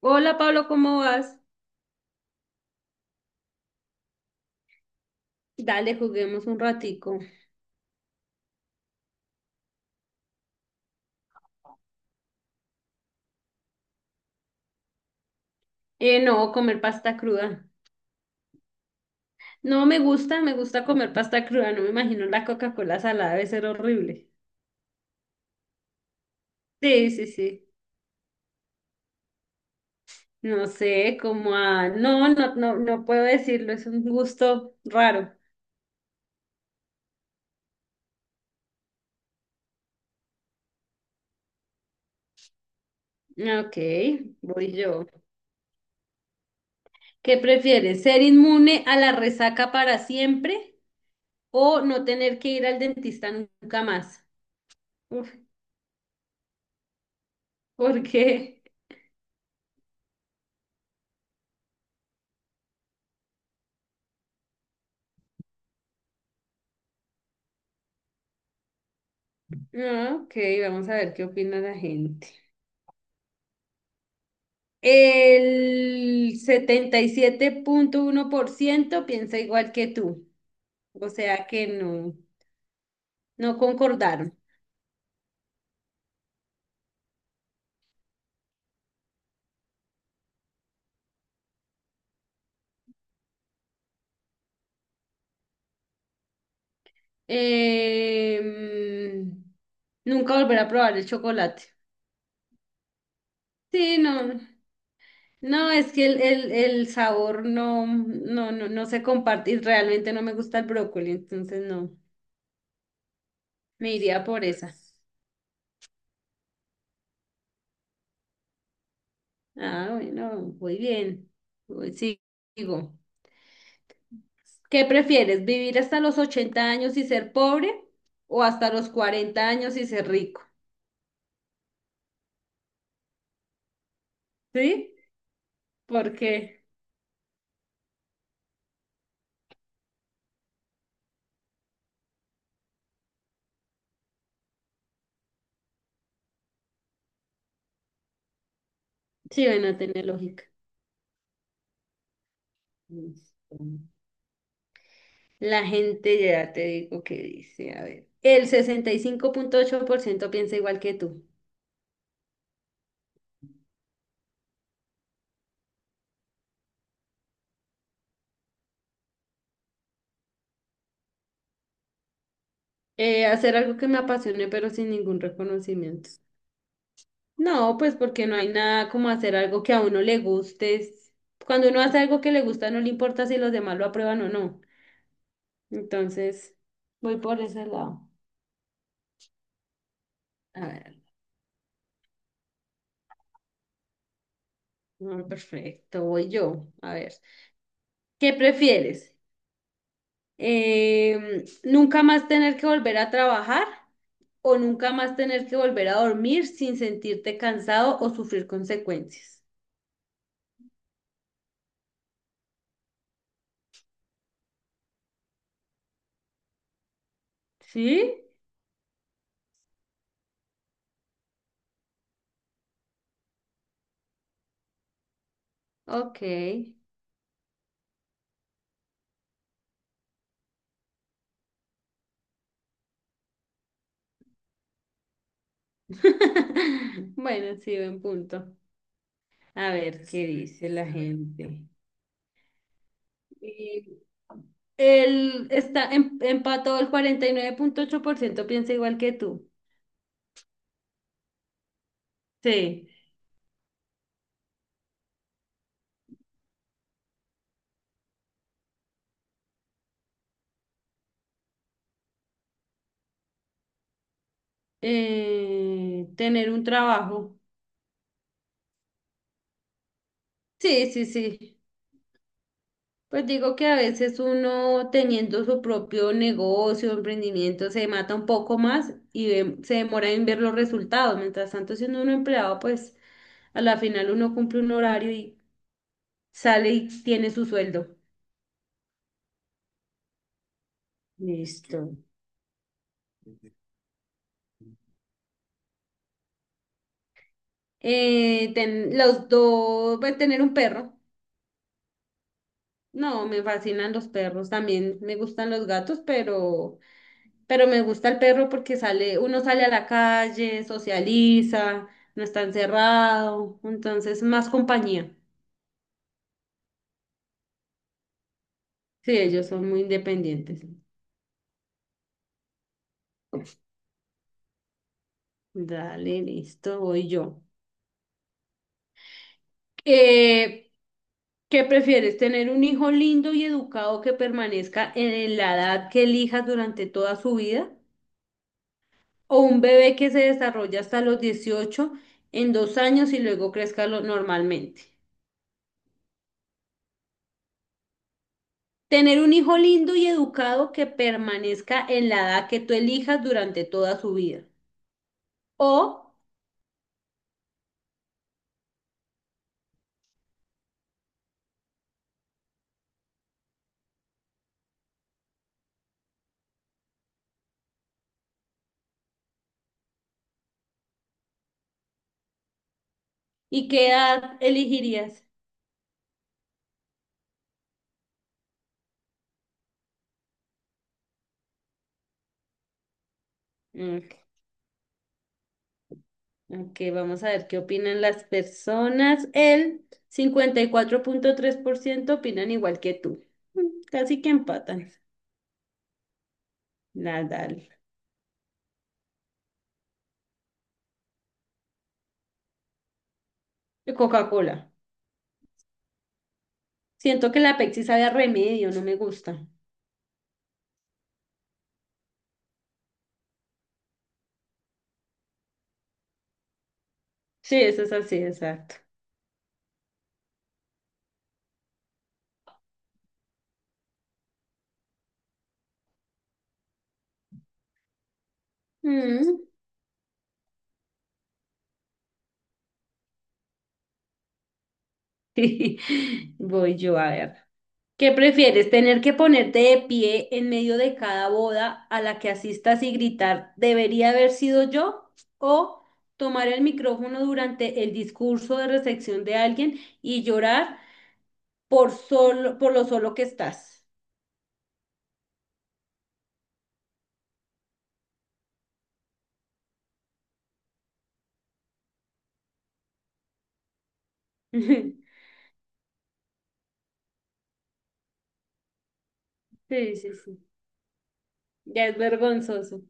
Hola Pablo, ¿cómo vas? Dale, juguemos un ratico. No, comer pasta cruda. No me gusta, me gusta comer pasta cruda. No me imagino la Coca-Cola salada, debe ser horrible. Sí, sí, sí. No sé, como a... No, no, no, no puedo decirlo, es un gusto raro. Ok, voy yo. ¿Qué prefieres? ¿Ser inmune a la resaca para siempre o no tener que ir al dentista nunca más? Uf, ¿por qué? Ah, Ok, vamos a ver qué opina la gente. El 77.1% piensa igual que tú, o sea que no, no concordaron. Em, Nunca volver a probar el chocolate. Sí, no, no, es que el sabor no, no, no, no se comparte y realmente no me gusta el brócoli, entonces no, me iría por esa. Ah, bueno, muy bien. Sigo. ¿Qué prefieres, vivir hasta los 80 años y ser pobre o hasta los 40 años y ser rico? ¿Sí? Porque sí, bueno, tiene lógica. Listo. La gente ya te digo que dice, a ver, el 65.8% piensa igual que tú. Hacer algo que me apasione pero sin ningún reconocimiento. No, pues porque no hay nada como hacer algo que a uno le guste. Cuando uno hace algo que le gusta, no le importa si los demás lo aprueban o no. Entonces, voy por ese lado. A ver, perfecto, voy yo. A ver, ¿qué prefieres? ¿Nunca más tener que volver a trabajar o nunca más tener que volver a dormir sin sentirte cansado o sufrir consecuencias? ¿Sí? Ok. Bueno, sí, buen punto. A ver, ¿qué dice la gente? Y el, está empató el 49.8% piensa igual que tú. Sí. Tener un trabajo. Sí, sí, sí. Pues digo que a veces uno teniendo su propio negocio, emprendimiento, se mata un poco más y se demora en ver los resultados. Mientras tanto, siendo uno empleado, pues a la final uno cumple un horario y sale y tiene su sueldo. Listo. Los dos, pues tener un perro. No, me fascinan los perros. También me gustan los gatos, pero... Pero me gusta el perro porque sale, uno sale a la calle, socializa, no está encerrado, entonces más compañía. Sí, ellos son muy independientes. Dale, listo, voy yo. Eh, ¿Qué prefieres? ¿Tener un hijo lindo y educado que permanezca en la edad que elijas durante toda su vida? ¿O un bebé que se desarrolla hasta los 18 en 2 años y luego crezca normalmente? Tener un hijo lindo y educado que permanezca en la edad que tú elijas durante toda su vida. O, ¿y qué edad elegirías? Mm, Ok, vamos a ver qué opinan las personas. El 54.3% opinan igual que tú. Mm. Casi que empatan. Nada, Coca-Cola. Siento que la Pepsi sabe a remedio, no me gusta. Sí, eso es así, exacto. Mm. Voy yo a ver. ¿Qué prefieres? ¿Tener que ponerte de pie en medio de cada boda a la que asistas y gritar, debería haber sido yo? ¿O tomar el micrófono durante el discurso de recepción de alguien y llorar por solo, por lo solo que estás? Sí, sí, sí. Ya es vergonzoso.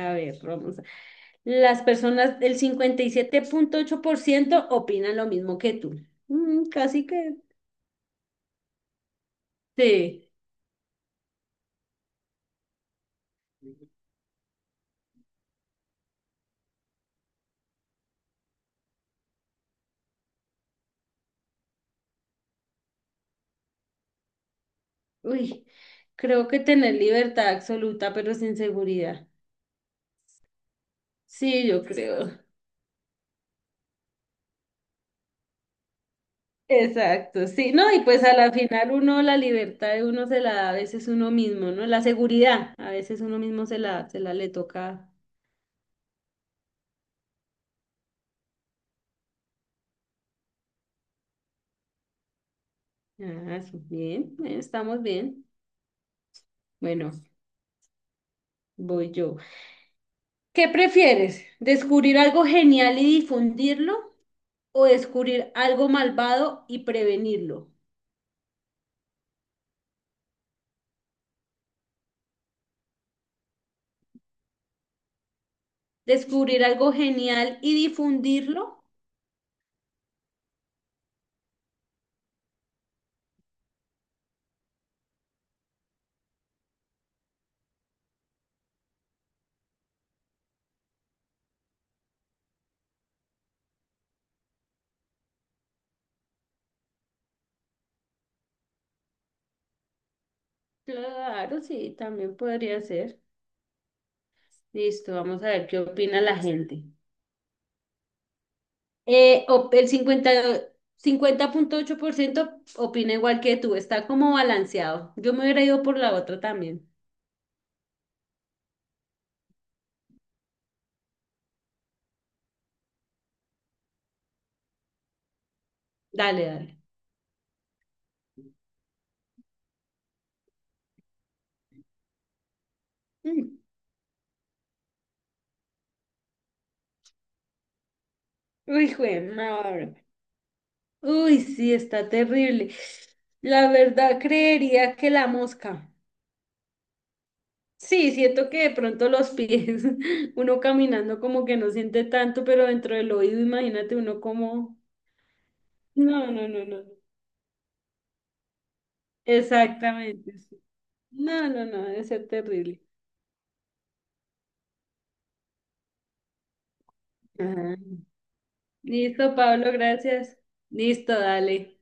A ver, Las personas del 57.8% opinan lo mismo que tú. Casi que. Sí. Uy, creo que tener libertad absoluta, pero sin seguridad. Sí, yo creo. Exacto, sí. No, y pues a la final uno, la libertad de uno se la da a veces uno mismo, ¿no? La seguridad, a veces uno mismo se la le toca. Ah, sí, bien, bien, estamos bien. Bueno, voy yo. ¿Qué prefieres? ¿Descubrir algo genial y difundirlo o descubrir algo malvado y prevenirlo? ¿Descubrir algo genial y difundirlo? Claro, sí, también podría ser. Listo, vamos a ver qué opina la gente. El 50.8% opina igual que tú, está como balanceado. Yo me hubiera ido por la otra también. Dale, dale. Mm. Uy, jue madre. Uy, sí, está terrible. La verdad, creería que la mosca. Sí, siento que de pronto los pies, uno caminando como que no siente tanto, pero dentro del oído, imagínate uno como... No, no, no, no. Exactamente, sí. No, no, no, debe ser terrible. Ajá. Listo, Pablo, gracias. Listo, dale.